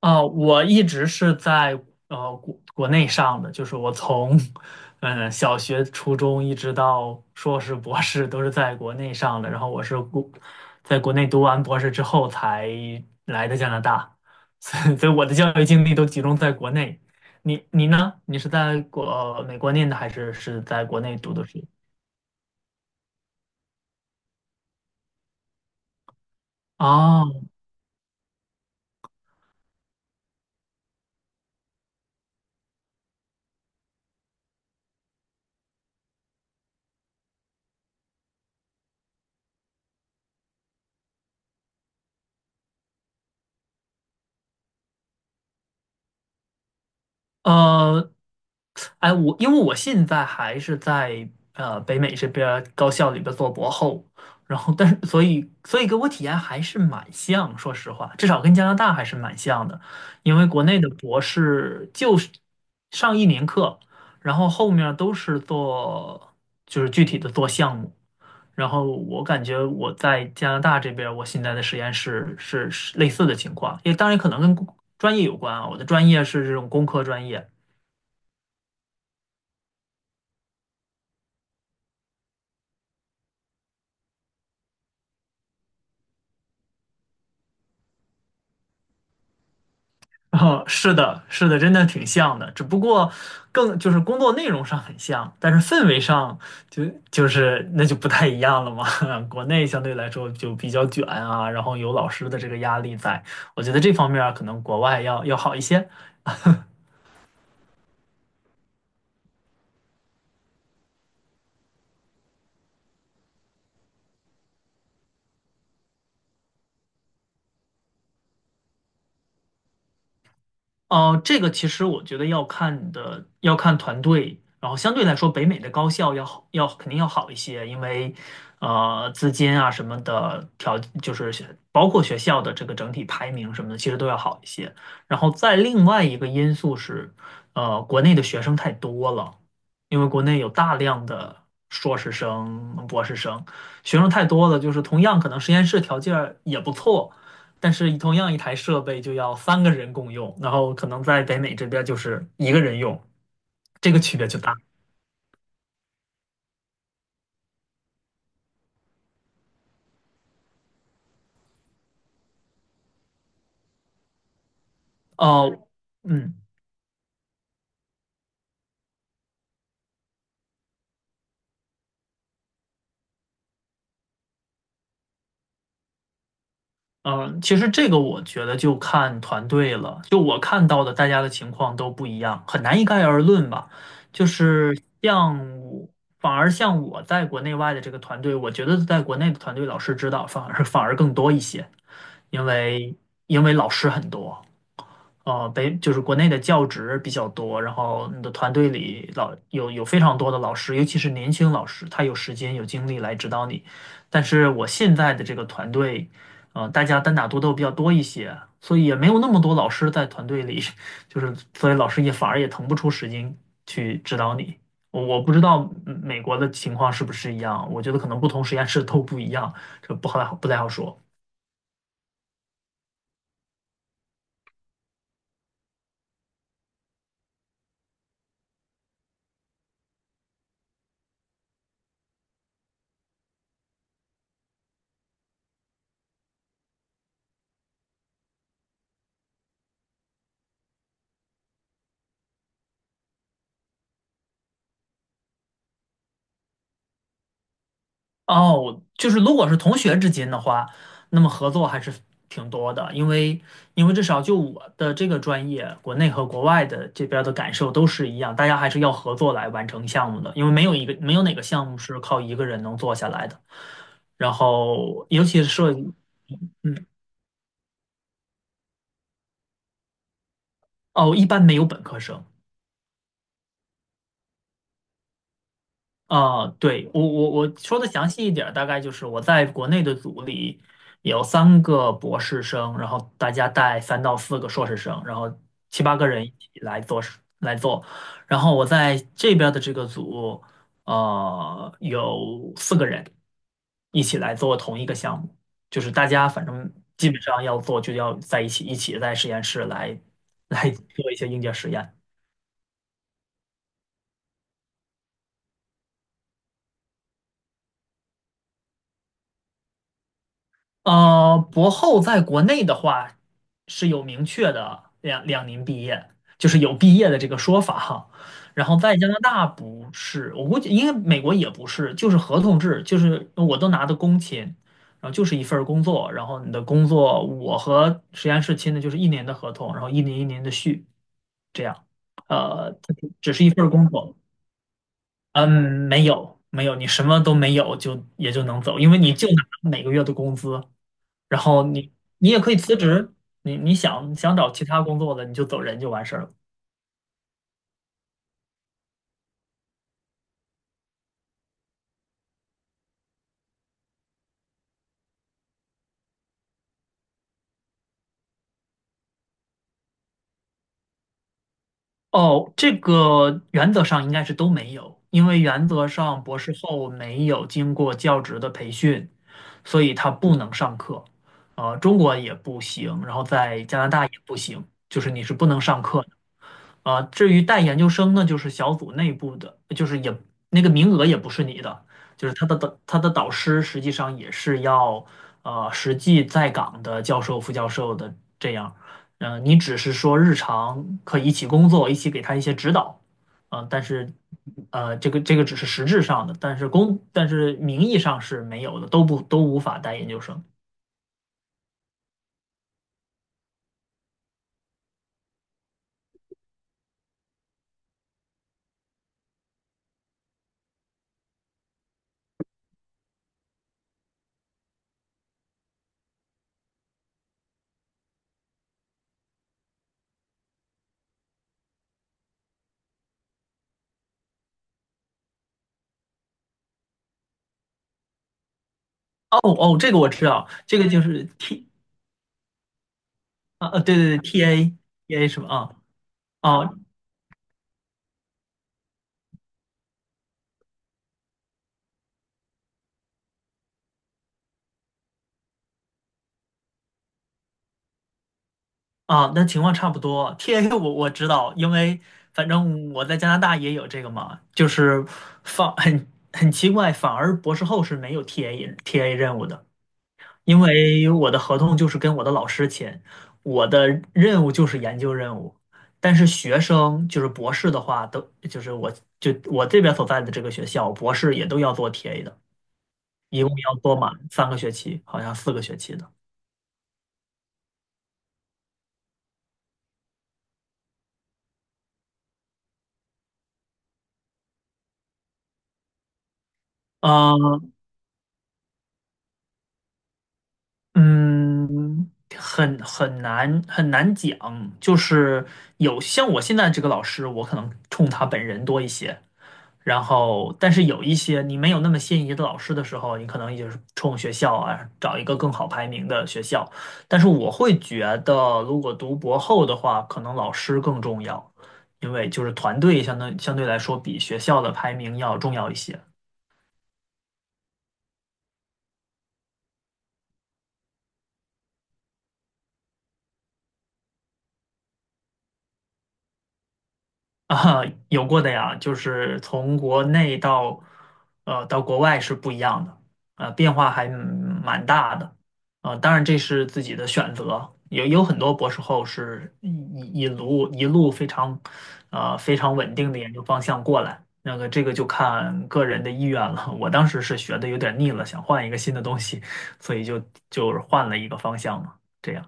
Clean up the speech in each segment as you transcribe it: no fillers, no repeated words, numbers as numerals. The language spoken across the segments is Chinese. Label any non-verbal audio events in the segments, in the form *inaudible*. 啊，我一直是在国内上的，就是我从小学、初中一直到硕士、博士都是在国内上的。然后我是国在国内读完博士之后才来的加拿大，*laughs* 所以我的教育经历都集中在国内。你呢？你是美国念的还是在国内读的书？哦，呃，哎，因为我现在还是在北美这边儿高校里边做博后，然后但是所以给我体验还是蛮像，说实话，至少跟加拿大还是蛮像的，因为国内的博士就是上一年课，然后后面儿都是做就是具体的做项目，然后我感觉我在加拿大这边儿我现在的实验室是类似的情况，也当然可能跟专业有关啊，我的专业是这种工科专业。*laughs* 哦，是的，是的，真的挺像的，只不过更就是工作内容上很像，但是氛围上就就是那就不太一样了嘛。*laughs* 国内相对来说就比较卷啊，然后有老师的这个压力在，我觉得这方面儿可能国外要好一些。哦，这个其实我觉得要看团队，然后相对来说，北美的高校要肯定要好一些，因为资金啊什么的就是包括学校的这个整体排名什么的，其实都要好一些。然后再另外一个因素是，国内的学生太多了，因为国内有大量的硕士生、博士生，学生太多了，就是同样可能实验室条件儿也不错。但是同样一台设备就要三个人共用，然后可能在北美这边就是一个人用，这个区别就大。哦，嗯嗯，其实这个我觉得就看团队了，就我看到的大家的情况都不一样，很难一概而论吧。就是像我，反而像我在国内外的这个团队，我觉得在国内的团队老师指导反而更多一些，因为老师很多。就是国内的教职比较多，然后你的团队里老有非常多的老师，尤其是年轻老师，他有时间有精力来指导你。但是我现在的这个团队，大家单打独斗比较多一些，所以也没有那么多老师在团队里，*laughs* 就是所以老师也反而也腾不出时间去指导你。我不知道美国的情况是不是一样，我觉得可能不同实验室都不一样，这不太好说。哦，就是如果是同学之间的话，那么合作还是挺多的，因为至少就我的这个专业，国内和国外的这边儿的感受都是一样，大家还是要合作来完成项目的，因为没有哪个项目是靠一个人能做下来的。然后，尤其是设计，哦，一般没有本科生，啊，对，我说的详细一点儿大概就是我在国内的组里有三个博士生，然后大家带三到四个硕士生，然后七八个人一起来做事来做。然后我在这边儿的这个组，有四个人一起来做同一个项目，就是大家反正基本上要做就要在一起，一起在实验室来来做一些硬件实验。博后在国内的话是有明确的两年毕业，就是有毕业的这个说法哈。然后在加拿大不是，我估计应该美国也不是，就是合同制，就是我都拿的工签，然后就是一份儿工作，然后你的工作我和实验室签的就是一年的合同，然后一年一年的续，这样，它只是一份儿工作，嗯，没有没有，你什么都没有就也就能走，因为你就拿每个月的工资。然后你也可以辞职，你想找其他工作的，你就走人就完事儿了。哦，这个原则上应该是都没有，因为原则上博士后没有经过教职的培训，所以他不能上课。中国也不行，然后在加拿大也不行，就是你是不能上课。啊，至于带研究生呢，就是小组内部的，就是也那个名额也不是你的，就是他的导师实际上也是要实际在岗的教授、副教授的这样，嗯，你只是说日常可以一起工作，一起给他一些指导，啊，但是这个只是实质上的，但是但是名义上是没有的，都无法带研究生。哦哦，这个我知道，这个就是 啊，对对对， TA， TA 什么啊？哦，啊，那情况差不多。TA *laughs* 我知道，因为反正我在加拿大也有这个嘛，就是很奇怪，反而博士后是没有 TA 任务的，因为我的合同就是跟我的老师签，我的任务就是研究任务，但是学生就是博士的话，都就是我这边所在的这个学校，博士也都要做 TA 的，一共要做满3个学期，好像4个学期的。嗯，嗯，很难讲，就是像我现在这个老师，我可能冲他本人多一些，然后但是有一些你没有那么心仪的老师的时候，你可能也就是冲学校啊，找一个更好排名的学校。但是我会觉得，如果读博后的话，可能老师更重要，因为就是团队相对来说比学校的排名要重要一些。啊，有过的呀，就是从国内到国外是不一样的，变化还蛮大的，啊，当然这是自己的选择，有很多博士后是一路非常稳定的研究方向过来，那个这个就看个人的意愿了。我当时是学的有点腻了，想换一个新的东西，所以就就是换了一个方向嘛，这样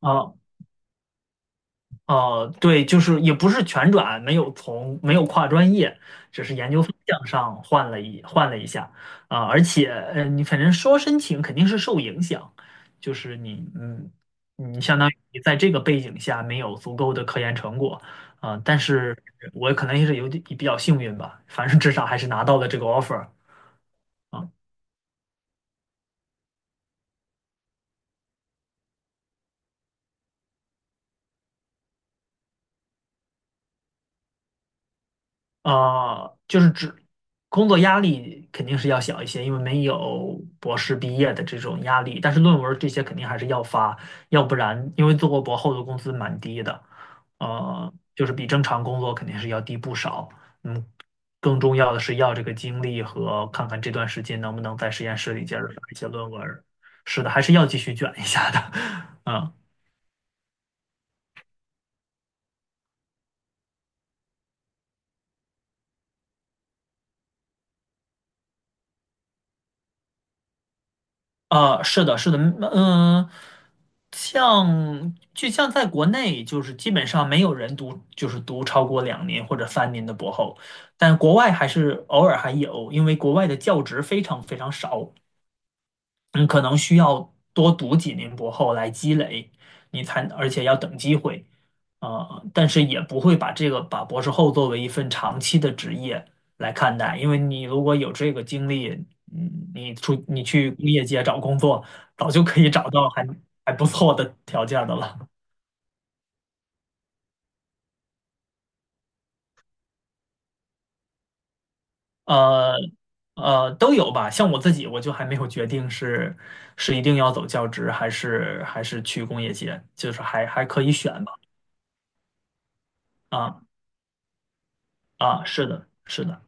啊，对，就是也不是全转，没有跨专业，只是研究方向上换了一下啊，而且你反正说申请肯定是受影响，就是你嗯，你相当于你在这个背景下没有足够的科研成果啊，但是我可能也是有点比较幸运吧，反正至少还是拿到了这个 offer。 啊，啊，就是指工作压力肯定是要小一些，因为没有博士毕业的这种压力，但是论文这些肯定还是要发，要不然因为做过博后的工资蛮低的，就是比正常工作肯定是要低不少。嗯，更重要的是要这个精力和看看这段时间能不能在实验室里接着写论文儿，是的，还是要继续卷一下的，*laughs* 嗯。啊，是的，是的，嗯，呃就像在国内，就是基本上没有人读，就是读超过两年或者3年的博后，但国外还是偶尔还有，因为国外的教职非常非常少，你可能需要多读几年博后来积累，而且要等机会，但是也不会把这个把博士后作为一份长期的职业来看待，因为你如果有这个经历，嗯，你去工业界找工作，早就可以找到还不错的条件的了，呃。都有吧。像我自己，我就还没有决定是一定要走教职，还是去工业界，就是还可以选吧。啊。啊，是的，是的，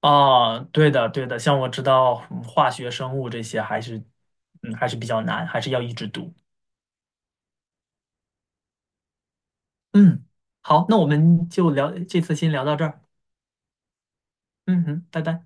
啊，对的，对的，像我知道化学、生物这些还是，嗯，还是比较难，还是要一直读。嗯，好，那我们就聊，这次先聊到这儿。嗯哼，拜拜。